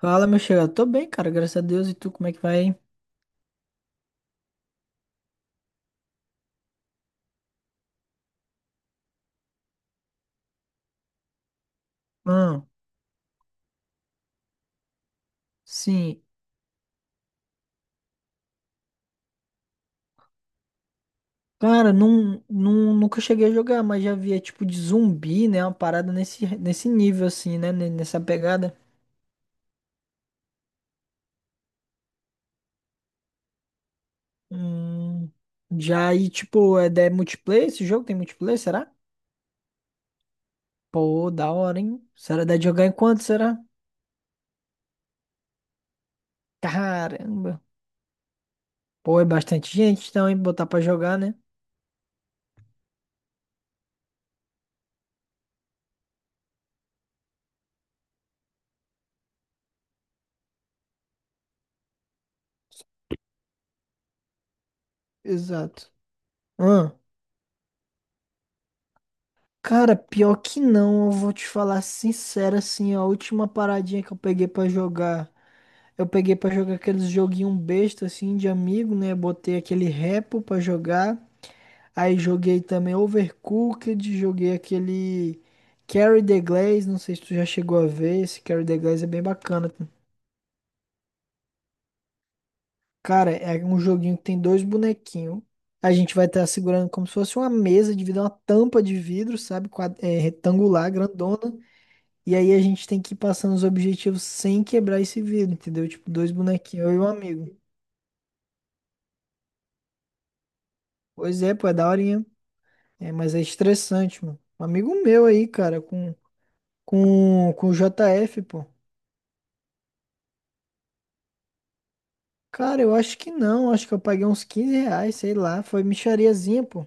Fala, meu chegado. Tô bem, cara, graças a Deus. E tu, como é que vai? Ah, sim. Cara, não, nunca cheguei a jogar, mas já vi, é tipo de zumbi, né? Uma parada nesse nível, assim, né? Nessa pegada. Hum, já aí, tipo, é multiplayer? Esse jogo tem multiplayer, será? Pô, da hora, hein? Será dá de jogar enquanto, será? Caramba. Pô, é bastante gente, então, hein? Botar pra jogar, né? Exato. Ahn. Cara, pior que não, eu vou te falar sincero assim, ó, a última paradinha que eu peguei pra jogar, eu peguei pra jogar aqueles joguinho besta assim de amigo, né? Botei aquele Repo pra jogar, aí joguei também Overcooked, joguei aquele Carry the Glaze, não sei se tu já chegou a ver, esse Carry the Glaze é bem bacana. Cara, é um joguinho que tem dois bonequinhos. A gente vai estar segurando como se fosse uma mesa de vidro, uma tampa de vidro, sabe? Retangular, grandona. E aí a gente tem que ir passando os objetivos sem quebrar esse vidro, entendeu? Tipo, dois bonequinhos, eu e um amigo. Pois é, pô, é daorinha. É, mas é estressante, mano. Um amigo meu aí, cara, com o JF, pô. Cara, eu acho que não. Acho que eu paguei uns R$ 15, sei lá. Foi mixariazinha, pô.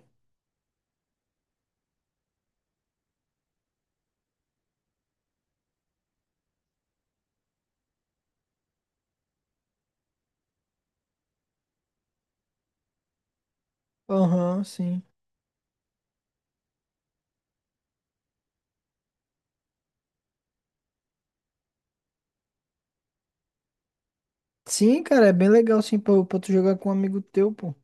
Aham, sim. Sim, cara, é bem legal, sim, pra tu jogar com um amigo teu, pô.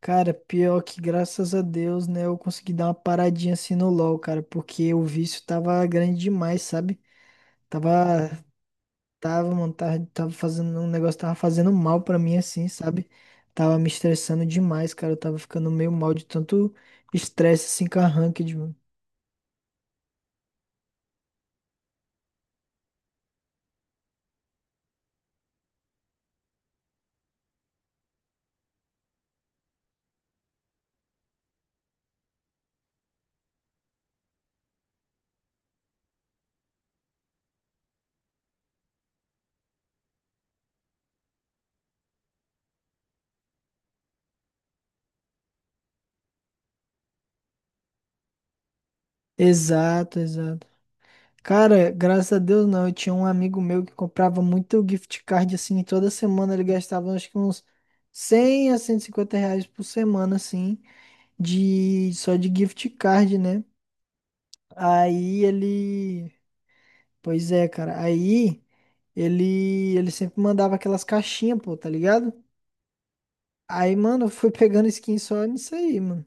Cara, pior que graças a Deus, né, eu consegui dar uma paradinha assim no LoL, cara, porque o vício tava grande demais, sabe? Tava Tava, mano, tava fazendo um negócio, tava fazendo mal pra mim, assim, sabe? Tava me estressando demais, cara. Eu tava ficando meio mal de tanto estresse, assim, com a ranked, mano. Exato, exato. Cara, graças a Deus não. Eu tinha um amigo meu que comprava muito gift card, assim, e toda semana ele gastava acho que uns R$ 100 a R$ 150 por semana, assim, de só de gift card, né? Aí ele. Pois é, cara. Aí. Ele sempre mandava aquelas caixinhas, pô, tá ligado? Aí, mano, eu fui pegando skin só nisso aí, mano.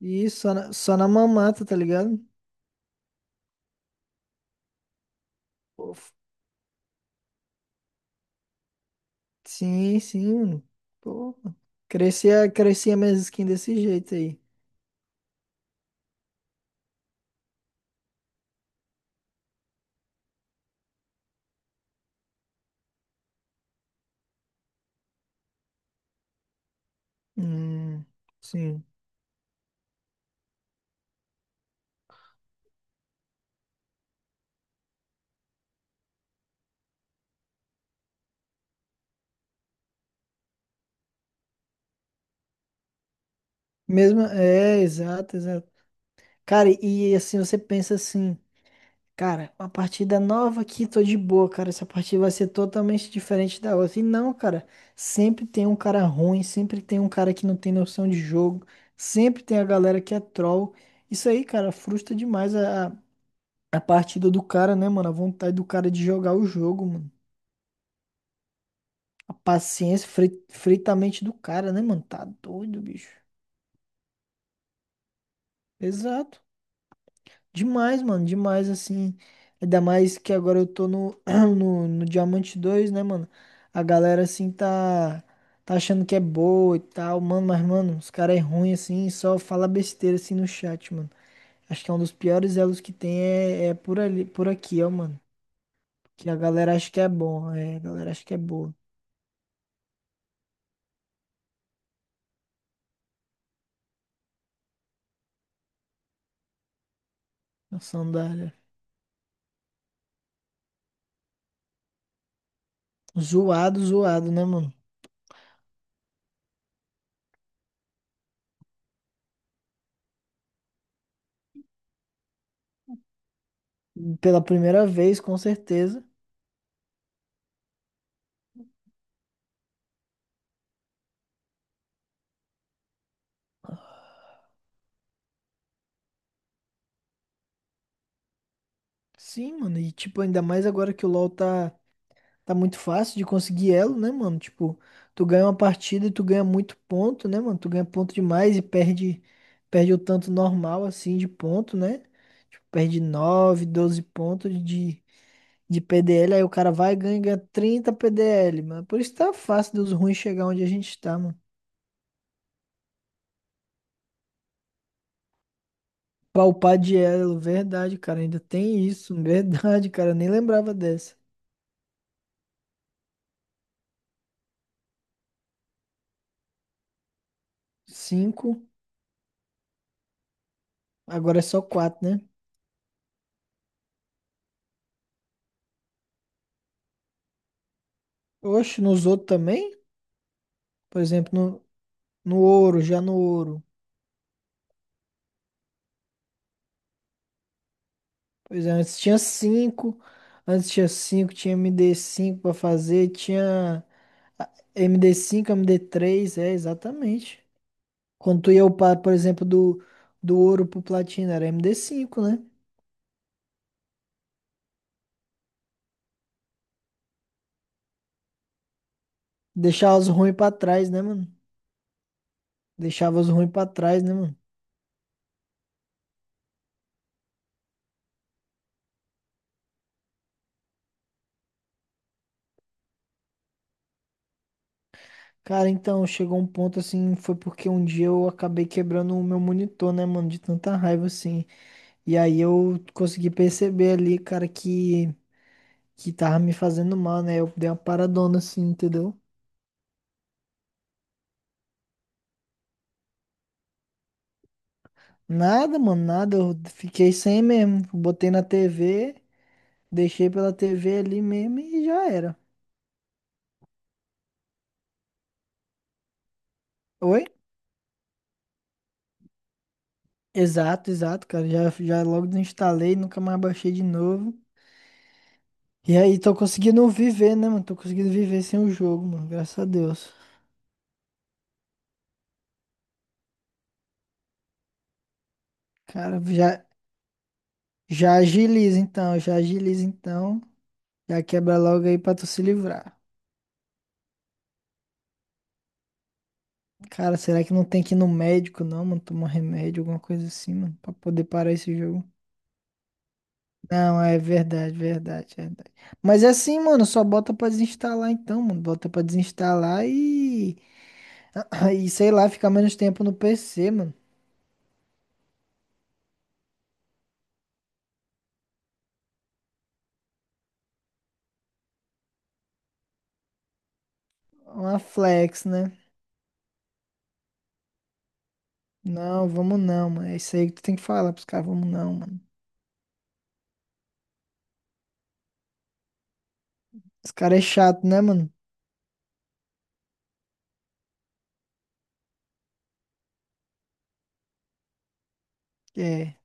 E só na mamata, tá ligado? Pô, sim, sim, mano. Pô, crescia, crescia minhas skins desse jeito aí. Hum, sim. Mesmo, é, exato, exato. Cara, e assim, você pensa assim. Cara, uma partida nova aqui, tô de boa, cara. Essa partida vai ser totalmente diferente da outra. E não, cara, sempre tem um cara ruim, sempre tem um cara que não tem noção de jogo, sempre tem a galera que é troll. Isso aí, cara, frustra demais a partida do cara, né, mano? A vontade do cara de jogar o jogo, mano. A paciência, frita a mente do cara, né, mano? Tá doido, bicho. Exato. Demais, mano, demais, assim. Ainda mais que agora eu tô no, no Diamante dois, né, mano? A galera, assim, tá achando que é boa e tal, mano, mas, mano, os caras é ruim, assim, só fala besteira, assim, no chat, mano. Acho que é um dos piores elos que tem é por ali, por aqui, ó, mano. Que a galera acha que é bom, é, a galera acha que é boa. A sandália. Zoado, zoado, né, mano? Pela primeira vez, com certeza. Sim, mano, e, tipo, ainda mais agora que o LoL tá muito fácil de conseguir elo, né, mano? Tipo, tu ganha uma partida e tu ganha muito ponto, né, mano? Tu ganha ponto demais e perde o tanto normal assim de ponto, né? Tipo, Perde nove, 12 pontos de PDL, aí o cara vai ganhar 30 PDL, mano. Por isso tá fácil deus ruim chegar onde a gente está, mano. Palpade elo, verdade, cara. Ainda tem isso, verdade, cara. Eu Nem lembrava dessa. Cinco, agora é só quatro, né? Hoje nos outro também, por exemplo no ouro, já no ouro. Pois é, antes tinha cinco. Antes tinha cinco, tinha MD5 pra fazer, tinha ah, MD5, MD3, é, exatamente. Quando tu ia upar, por exemplo, do ouro pro platina, era MD5, né? Deixava os ruins pra trás, né, mano? Deixava os ruins pra trás, né, mano? Cara, então, chegou um ponto assim, foi porque um dia eu acabei quebrando o meu monitor, né, mano? De tanta raiva, assim. E aí eu consegui perceber ali, cara, que tava me fazendo mal, né? Eu dei uma paradona assim, entendeu? Nada, mano, nada. Eu fiquei sem mesmo. Botei na TV, deixei pela TV ali mesmo e já era. Oi? Exato, exato, cara. Já, já logo desinstalei, nunca mais baixei de novo. E aí, tô conseguindo viver, né, mano? Tô conseguindo viver sem o jogo, mano. Graças a Deus. Cara, já agiliza então, já agiliza então. Já quebra logo aí pra tu se livrar. Cara, será que não tem que ir no médico, não, mano? Tomar remédio, alguma coisa assim, mano, pra poder parar esse jogo. Não, é verdade, verdade, verdade. Mas é assim, mano, só bota pra desinstalar então, mano. Bota pra desinstalar e. E sei lá, ficar menos tempo no PC, mano. Uma flex, né? Não, vamos não, mano. É isso aí que tu tem que falar pros caras, vamos não, mano. Os caras é chato, né, mano? É.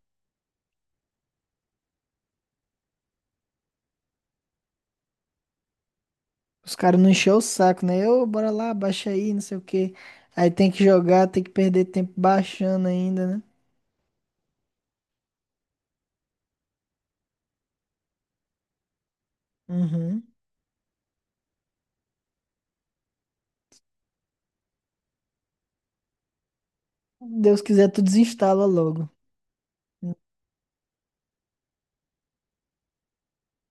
Os caras não encheu o saco, né? Ô, bora lá, baixa aí, não sei o quê. Aí tem que jogar, tem que perder tempo baixando ainda, né? Uhum. Deus quiser, tu desinstala logo. Hum.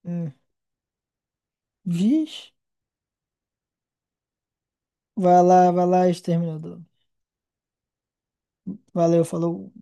Hum. Vixe. Vai lá, exterminador. Valeu, falou.